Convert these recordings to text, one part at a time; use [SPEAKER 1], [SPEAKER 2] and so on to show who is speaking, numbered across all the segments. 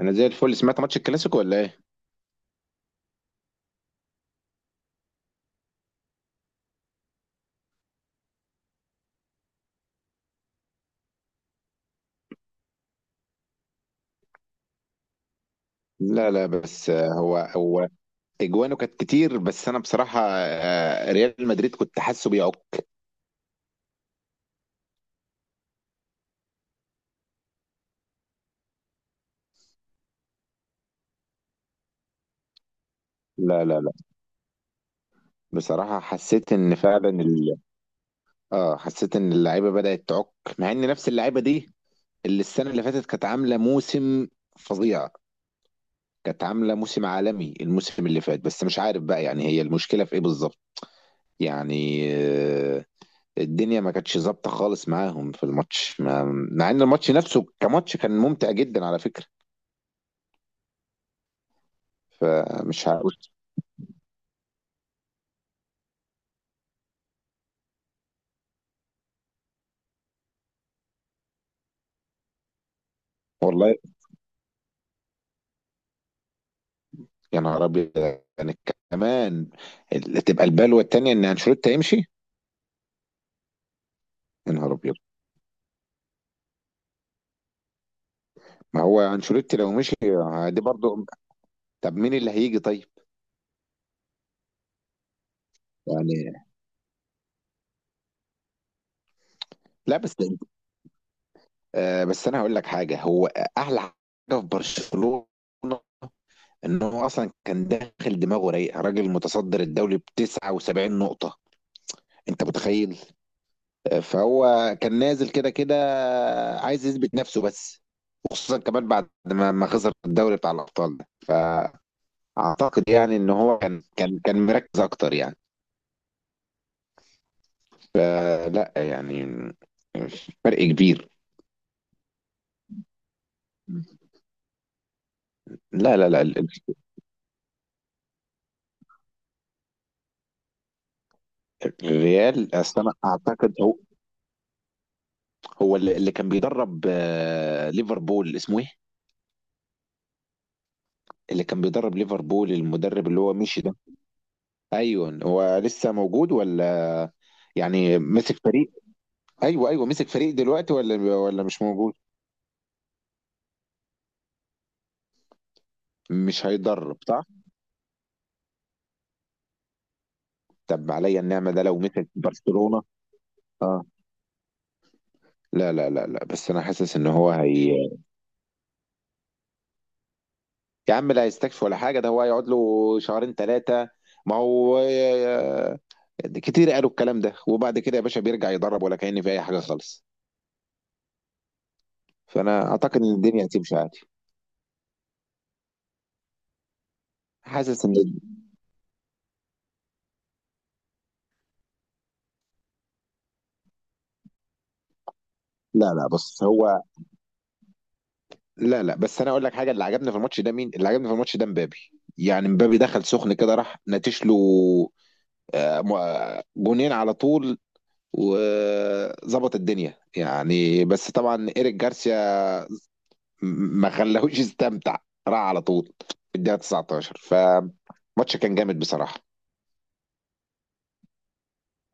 [SPEAKER 1] انا زي الفل سمعت ماتش الكلاسيكو ولا ايه؟ لا لا، بس هو اجوانه كانت كتير. بس انا بصراحه ريال مدريد كنت حاسه بيعك. لا لا لا، بصراحه حسيت ان فعلا اه، حسيت ان اللعيبه بدات تعك. مع ان نفس اللعيبه دي اللي السنه اللي فاتت كانت عامله موسم فظيع، كانت عامله موسم عالمي الموسم اللي فات. بس مش عارف بقى، يعني هي المشكله في ايه بالظبط؟ يعني الدنيا ما كانتش ظابطه خالص معاهم في الماتش ما... مع ان الماتش نفسه كماتش كان ممتع جدا على فكره. فمش عارف. والله يا نهار ابيض. يعني كمان تبقى البلوه التانيه ان انشيلوتي هيمشي. يا نهار ابيض، ما هو انشيلوتي لو مشي دي برضو، طب مين اللي هيجي طيب؟ يعني لا، بس آه، بس انا هقول لك حاجه. هو احلى حاجه في برشلونه انه اصلا كان داخل دماغه رايق، راجل متصدر الدوري ب 79 نقطه، انت متخيل. فهو كان نازل كده كده عايز يثبت نفسه بس، وخصوصا كمان بعد ما خسر الدوري بتاع الابطال ده. فاعتقد يعني ان هو كان مركز اكتر يعني. فلا يعني فرق كبير. لا لا لا، الريال اصل انا اعتقد هو هو اللي كان بيدرب ليفربول، اسمه ايه؟ اللي كان بيدرب ليفربول المدرب اللي هو مشي ده. ايوه، هو لسه موجود ولا يعني مسك فريق؟ ايوه ايوه، مسك فريق دلوقتي ولا مش موجود؟ مش هيدرب صح؟ طب عليا النعمه، ده لو مسك برشلونه. اه. لا لا لا لا، بس انا حاسس ان هو هي، يا عم لا هيستكفي ولا حاجه، ده هو هيقعد له شهرين ثلاثه. ما هو كتير قالوا الكلام ده وبعد كده يا باشا بيرجع يدرب، ولا كأن في اي حاجه خالص. فانا اعتقد ان الدنيا هتمشي عادي. حاسس ان، لا لا بص هو. لا لا، بس انا اقول لك حاجه. اللي عجبني في الماتش ده، مين اللي عجبني في الماتش ده؟ مبابي. يعني مبابي دخل سخن كده راح نتش له جونين على طول وظبط الدنيا، يعني بس طبعا ايريك جارسيا ما خلاهوش يستمتع، راح على طول في الدقيقه 19. فماتش كان جامد بصراحه.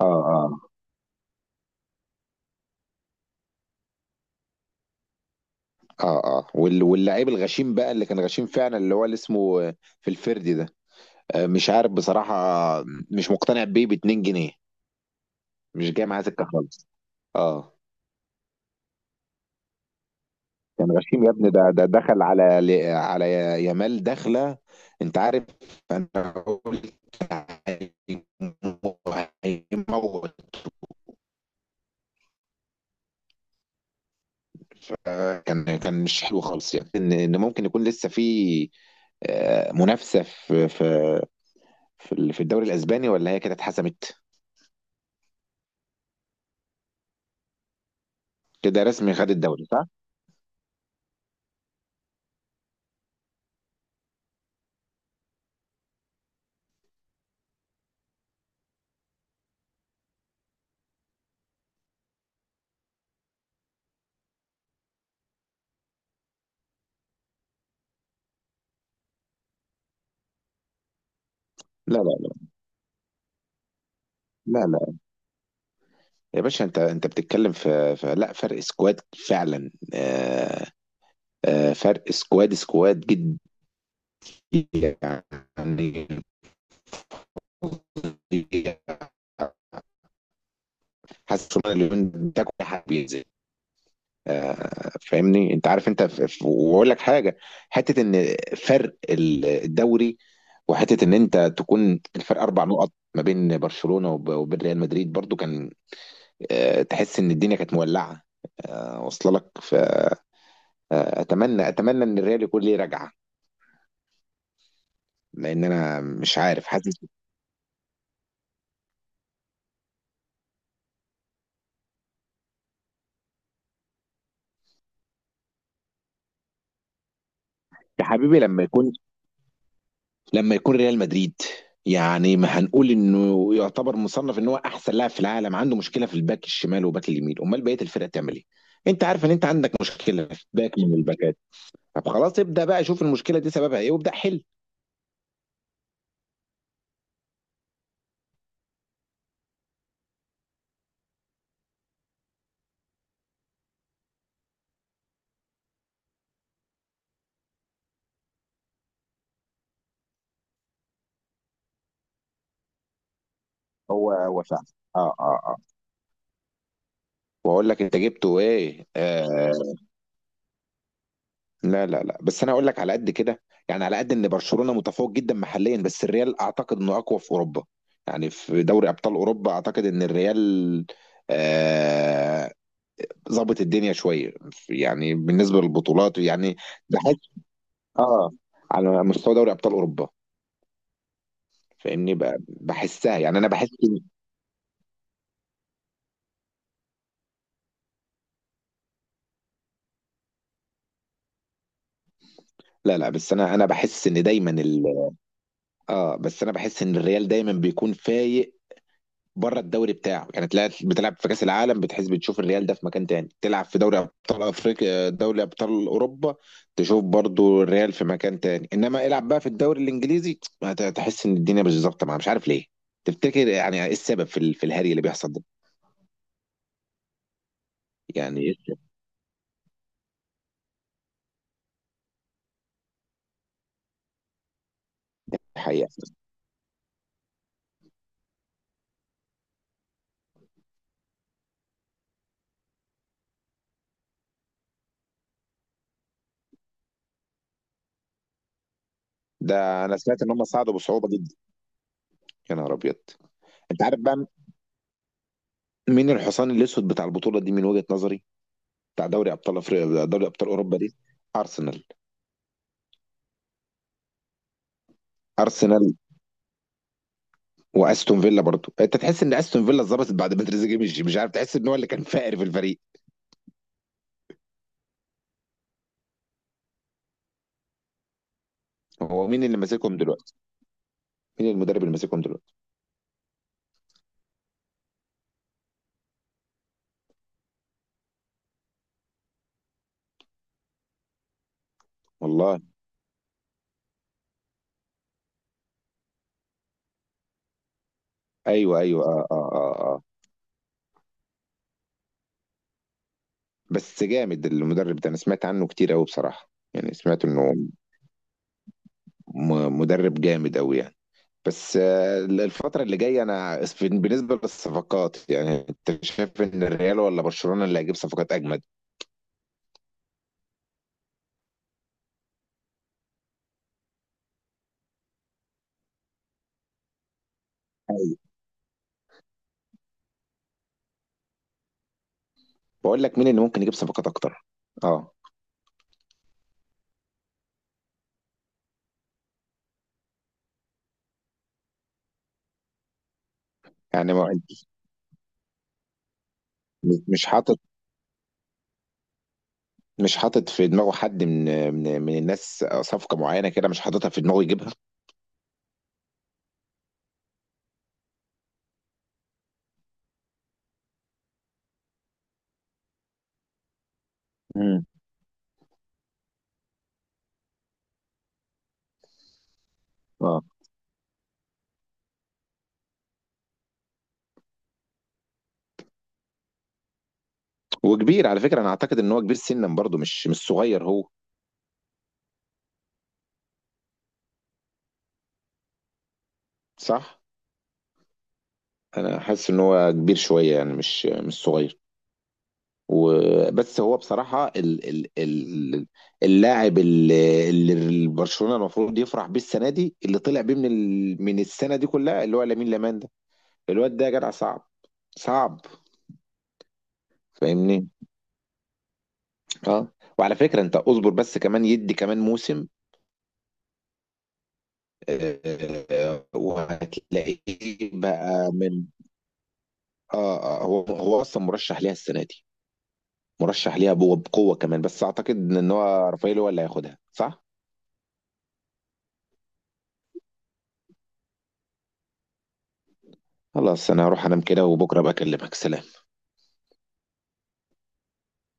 [SPEAKER 1] اه اه اه اه، وال- واللعيب الغشيم بقى اللي كان غشيم فعلا، اللي هو اللي اسمه في الفردي ده. مش عارف بصراحه مش مقتنع بيه ب 2 جنيه، مش جاي معاه سكه خالص. اه، كان غشيم يا ابني. ده دخل على على يامال دخله. انت عارف، انا قلت هيمو- هيموت. كان مش حلو خالص يعني. ان ممكن يكون لسه في منافسه في في الدوري الاسباني، ولا هي كده اتحسمت؟ كده رسمي خد الدوري صح؟ لا لا لا لا لا. يا باشا انت انت بتتكلم في لا فرق سكواد، فعلا فرق سكواد سكواد جدا يعني. حاسس ان اليومين ده كل حاجه بينزل. فاهمني؟ انت عارف، انت واقول لك حاجه، حته ان فرق الدوري، وحته ان انت تكون الفرق اربع نقط ما بين برشلونه وبين ريال مدريد برضو، كان تحس ان الدنيا كانت مولعه، واصله لك. فاتمنى أتمنى ان الريال يكون ليه رجعه. لان انا مش عارف، حاسس. يا حبيبي لما يكون، ريال مدريد يعني، ما هنقول انه يعتبر مصنف ان هو احسن لاعب في العالم، عنده مشكله في الباك الشمال وباك اليمين، امال بقيه الفرقه تعمل ايه؟ انت عارف ان انت عندك مشكله في باك من الباكات، طب خلاص ابدا بقى شوف المشكله دي سببها ايه وابدا حل. هو فعلا. اه اه اه. واقول لك انت جبته ايه آه. لا لا لا، بس انا هقول لك على قد كده يعني. على قد ان برشلونه متفوق جدا محليا، بس الريال اعتقد انه اقوى في اوروبا. يعني في دوري ابطال اوروبا اعتقد ان الريال آه، ظبط الدنيا شويه يعني، بالنسبه للبطولات يعني. بحس اه، على مستوى دوري ابطال اوروبا، فاهمني. بحسها يعني، انا بحس لا لا، بس انا بحس ان دايما ال... اه بس انا بحس ان الريال دايما بيكون فايق بره الدوري بتاعه. يعني تلاقي بتلعب في كاس العالم بتحس، بتشوف الريال ده في مكان تاني، تلعب في دوري ابطال افريقيا، دوري ابطال اوروبا، تشوف برضو الريال في مكان تاني. انما العب بقى في الدوري الانجليزي هتحس ان الدنيا مش ظابطه معاه، مش عارف ليه. تفتكر يعني ايه السبب في الهري اللي بيحصل ده؟ يعني ايه السبب؟ الحقيقه. ده انا سمعت ان هم صعدوا بصعوبه جدا. يا نهار ابيض. انت عارف بقى مين الحصان الاسود بتاع البطوله دي من وجهه نظري، بتاع دوري ابطال افريقيا، دوري ابطال اوروبا دي؟ ارسنال. ارسنال واستون فيلا. برضو انت تحس ان استون فيلا اتظبطت بعد ما تريزيجيه مشي، مش عارف، تحس ان هو اللي كان فاقر في الفريق. هو مين اللي ماسكهم دلوقتي؟ مين المدرب اللي ماسكهم دلوقتي؟ والله. ايوه ايوه، اه اه اه، آه. بس جامد المدرب ده، انا سمعت عنه كتير قوي بصراحه، يعني سمعت انه مدرب جامد قوي يعني. بس الفترة اللي جاية أنا بالنسبة للصفقات يعني، أنت شايف إن الريال ولا برشلونة اللي هيجيب صفقات أجمد؟ بقول لك مين اللي ممكن يجيب صفقات أكتر؟ أه. يعني مش حاطط مش حاطط في دماغه حد من الناس صفقة معينة كده، مش حاططها في دماغه يجيبها؟ امم. اه، وكبير على فكرة. انا اعتقد ان هو كبير سنا برضه، مش صغير هو. صح، انا حاسس ان هو كبير شوية يعني، مش صغير. وبس هو بصراحة ال ال ال اللاعب اللي برشلونة المفروض يفرح بيه السنة دي، اللي طلع بيه من من السنة دي كلها، اللي هو لامين لامان ده، الواد ده يا جدع صعب صعب، فاهمني. اه. وعلى فكرة انت اصبر بس، كمان يدي كمان موسم. وهتلاقيه بقى من آه، هو أصلًا مُرشّح ليها السنة دي، مُرشّح ليها بقوة كمان، بس أعتقد إن هو رافائيل هو اللي هياخدها، صح؟ خلاص أنا هاروح أنام كده وبُكرة أبقى أكلمك، سلام.